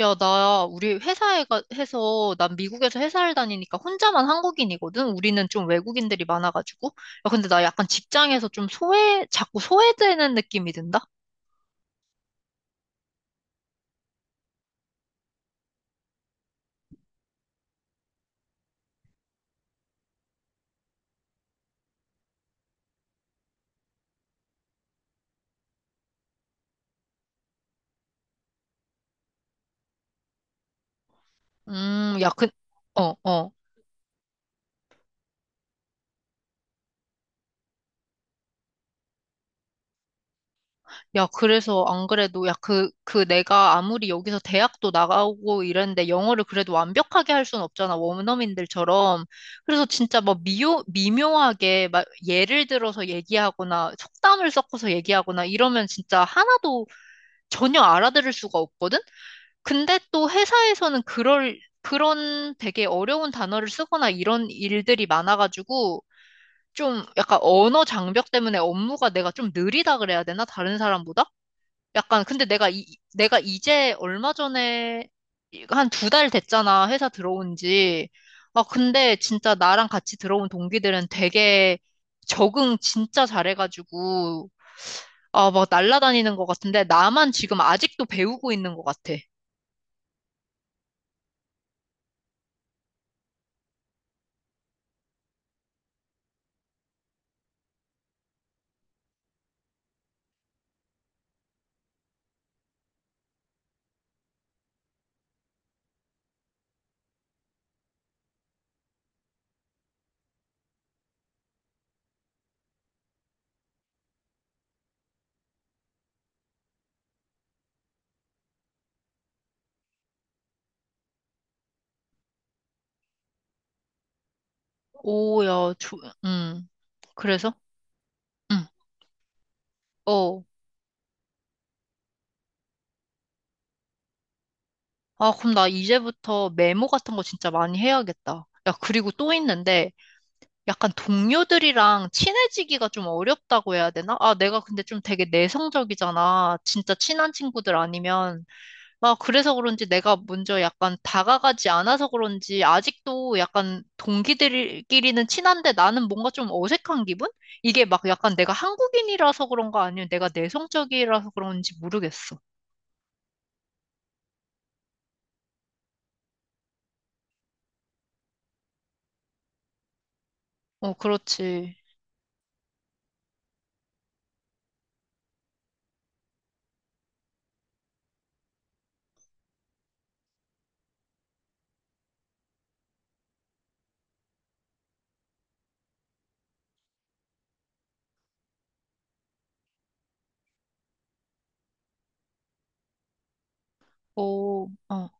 야, 나, 우리 회사에 해서, 난 미국에서 회사를 다니니까 혼자만 한국인이거든? 우리는 좀 외국인들이 많아가지고. 야, 근데 나 약간 직장에서 자꾸 소외되는 느낌이 든다? 야, 그, 어, 어. 야, 그래서 안 그래도, 야, 내가 아무리 여기서 대학도 나가고 이랬는데 영어를 그래도 완벽하게 할 순 없잖아, 원어민들처럼. 그래서 진짜 막 미묘하게 막 예를 들어서 얘기하거나 속담을 섞어서 얘기하거나 이러면 진짜 하나도 전혀 알아들을 수가 없거든? 근데 또 회사에서는 그런 되게 어려운 단어를 쓰거나 이런 일들이 많아가지고 좀 약간 언어 장벽 때문에 업무가 내가 좀 느리다 그래야 되나? 다른 사람보다? 약간 근데 내가 이제 얼마 전에 한 2달 됐잖아 회사 들어온 지. 아 근데 진짜 나랑 같이 들어온 동기들은 되게 적응 진짜 잘해가지고 아 막 날라다니는 것 같은데 나만 지금 아직도 배우고 있는 것 같아. 오야 조, 음 그래서 응 어. 아 그럼 나 이제부터 메모 같은 거 진짜 많이 해야겠다. 야 그리고 또 있는데 약간 동료들이랑 친해지기가 좀 어렵다고 해야 되나? 아, 내가 근데 좀 되게 내성적이잖아. 진짜 친한 친구들 아니면. 아, 그래서 그런지 내가 먼저 약간 다가가지 않아서 그런지 아직도 약간 동기들끼리는 친한데 나는 뭔가 좀 어색한 기분? 이게 막 약간 내가 한국인이라서 그런가 아니면 내가 내성적이라서 그런지 모르겠어. 어, 그렇지. 오, 어.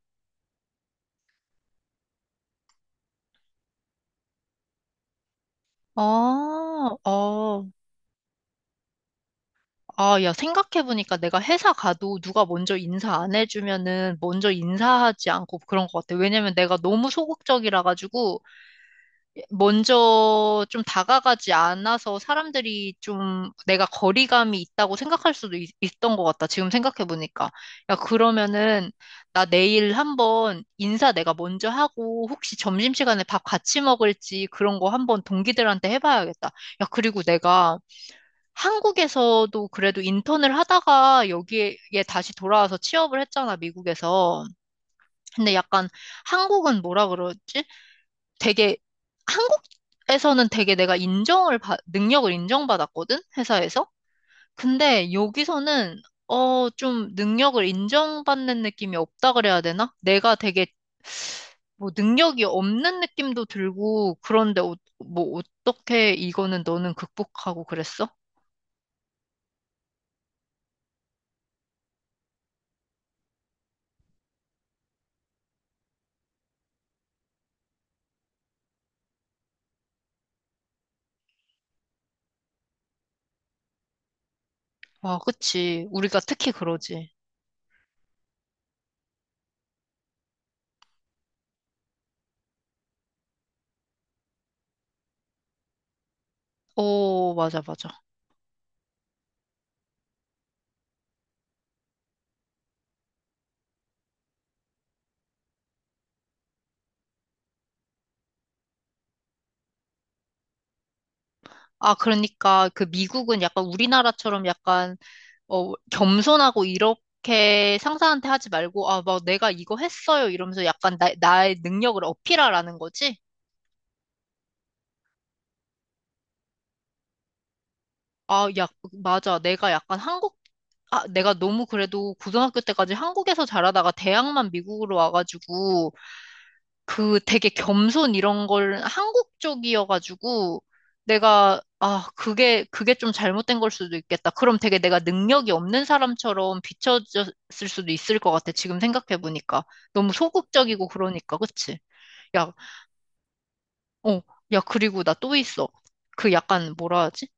아, 어, 아, 야, 생각해보니까 내가 회사 가도 누가 먼저 인사 안 해주면은 먼저 인사하지 않고 그런 것 같아. 왜냐면 내가 너무 소극적이라 가지고 먼저 좀 다가가지 않아서 사람들이 좀 내가 거리감이 있다고 생각할 수도 있, 던것 같다. 지금 생각해보니까. 야, 그러면은 나 내일 한번 인사 내가 먼저 하고 혹시 점심시간에 밥 같이 먹을지 그런 거 한번 동기들한테 해봐야겠다. 야, 그리고 내가 한국에서도 그래도 인턴을 하다가 여기에 다시 돌아와서 취업을 했잖아, 미국에서. 근데 약간 한국은 뭐라 그러지? 되게 한국에서는 되게 능력을 인정받았거든, 회사에서. 근데 여기서는 어, 좀 능력을 인정받는 느낌이 없다 그래야 되나? 내가 되게 뭐 능력이 없는 느낌도 들고 그런데 어, 뭐 어떻게 이거는 너는 극복하고 그랬어? 와, 그치. 우리가 특히 그러지. 오, 맞아, 맞아. 아, 그러니까 그 미국은 약간 우리나라처럼 약간 어, 겸손하고 이렇게 상사한테 하지 말고 아, 막 내가 이거 했어요 이러면서 약간 나의 능력을 어필하라는 거지? 아, 야, 맞아. 내가 약간 한국 아, 내가 너무 그래도 고등학교 때까지 한국에서 자라다가 대학만 미국으로 와가지고 그 되게 겸손 이런 걸 한국 쪽이어가지고 내가 아 그게 좀 잘못된 걸 수도 있겠다. 그럼 되게 내가 능력이 없는 사람처럼 비춰졌을 수도 있을 것 같아. 지금 생각해 보니까 너무 소극적이고 그러니까 그치? 야, 어, 야 그리고 나 또 있어. 그 약간 뭐라 하지?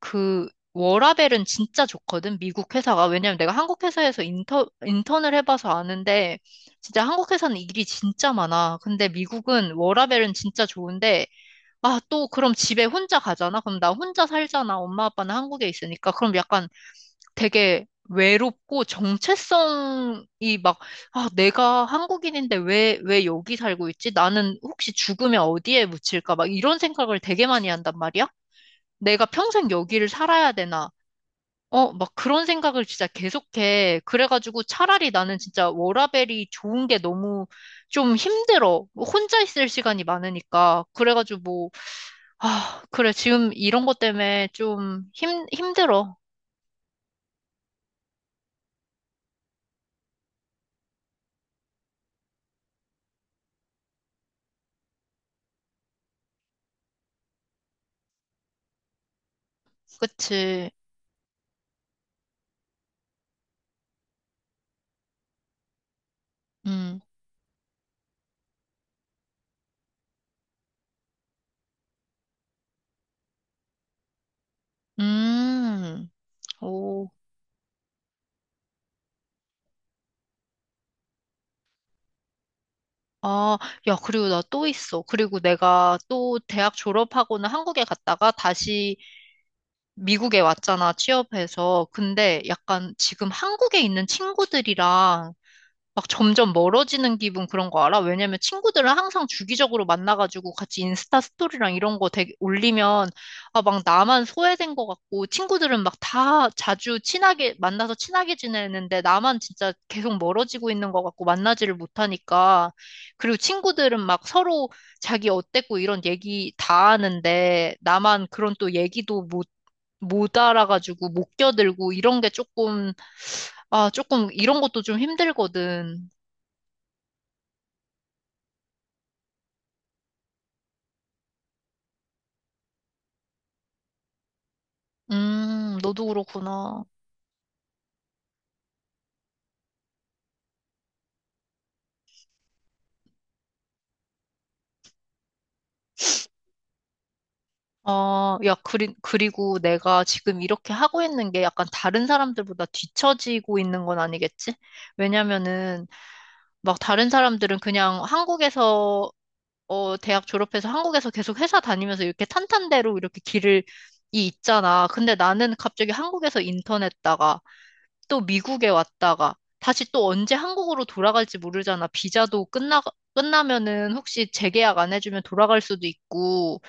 그 워라벨은 진짜 좋거든, 미국 회사가. 왜냐면 내가 한국 회사에서 인턴을 해봐서 아는데, 진짜 한국 회사는 일이 진짜 많아. 근데 미국은 워라벨은 진짜 좋은데, 아, 또 그럼 집에 혼자 가잖아? 그럼 나 혼자 살잖아. 엄마 아빠는 한국에 있으니까. 그럼 약간 되게 외롭고 정체성이 막, 아, 내가 한국인인데 왜 여기 살고 있지? 나는 혹시 죽으면 어디에 묻힐까? 막 이런 생각을 되게 많이 한단 말이야? 내가 평생 여기를 살아야 되나? 어, 막 그런 생각을 진짜 계속해. 그래가지고 차라리 나는 진짜 워라밸이 좋은 게 너무 좀 힘들어. 뭐 혼자 있을 시간이 많으니까. 그래가지고 뭐, 아, 그래. 지금 이런 것 때문에 힘들어. 그치. 음, 음, 오. 아, 야, 그리고 나 또 있어. 그리고 내가 또 대학 졸업하고는 한국에 갔다가 다시 미국에 왔잖아, 취업해서. 근데 약간 지금 한국에 있는 친구들이랑 막 점점 멀어지는 기분 그런 거 알아? 왜냐면 친구들은 항상 주기적으로 만나가지고 같이 인스타 스토리랑 이런 거 되게 올리면 아, 막 나만 소외된 것 같고 친구들은 막 다 자주 친하게 만나서 친하게 지내는데 나만 진짜 계속 멀어지고 있는 것 같고 만나지를 못하니까 그리고 친구들은 막 서로 자기 어땠고 이런 얘기 다 하는데 나만 그런 또 얘기도 못 알아가지고 못 껴들고 이런 게 조금 아 조금 이런 것도 좀 힘들거든. 너도 그렇구나. 아, 야, 그리고 내가 지금 이렇게 하고 있는 게 약간 다른 사람들보다 뒤처지고 있는 건 아니겠지? 왜냐면은, 막 다른 사람들은 그냥 한국에서, 어, 대학 졸업해서 한국에서 계속 회사 다니면서 이렇게 탄탄대로 이렇게 이 있잖아. 근데 나는 갑자기 한국에서 인턴 했다가, 또 미국에 왔다가, 다시 또 언제 한국으로 돌아갈지 모르잖아. 끝나면은 혹시 재계약 안 해주면 돌아갈 수도 있고,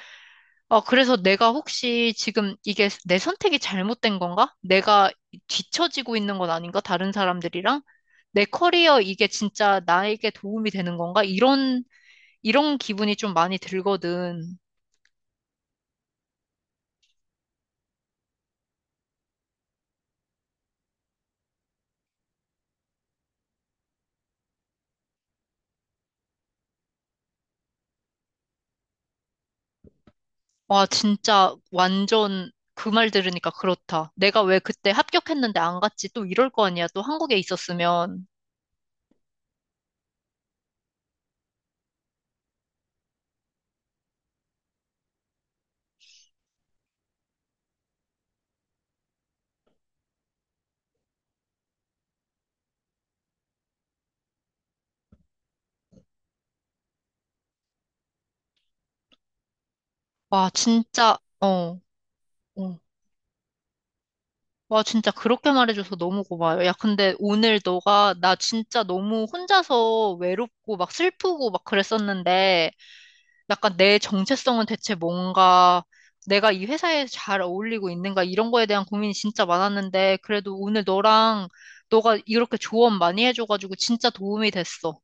어, 그래서 내가 혹시 지금 이게 내 선택이 잘못된 건가? 내가 뒤처지고 있는 건 아닌가? 다른 사람들이랑? 내 커리어 이게 진짜 나에게 도움이 되는 건가? 이런 기분이 좀 많이 들거든. 와, 진짜 완전 그 말 들으니까 그렇다. 내가 왜 그때 합격했는데 안 갔지? 또 이럴 거 아니야? 또 한국에 있었으면. 와, 진짜, 어, 어. 와, 진짜 그렇게 말해줘서 너무 고마워요. 야, 근데 오늘 너가 나 진짜 너무 혼자서 외롭고 막 슬프고 막 그랬었는데 약간 내 정체성은 대체 뭔가 내가 이 회사에 잘 어울리고 있는가 이런 거에 대한 고민이 진짜 많았는데 그래도 오늘 너랑 너가 이렇게 조언 많이 해줘가지고 진짜 도움이 됐어.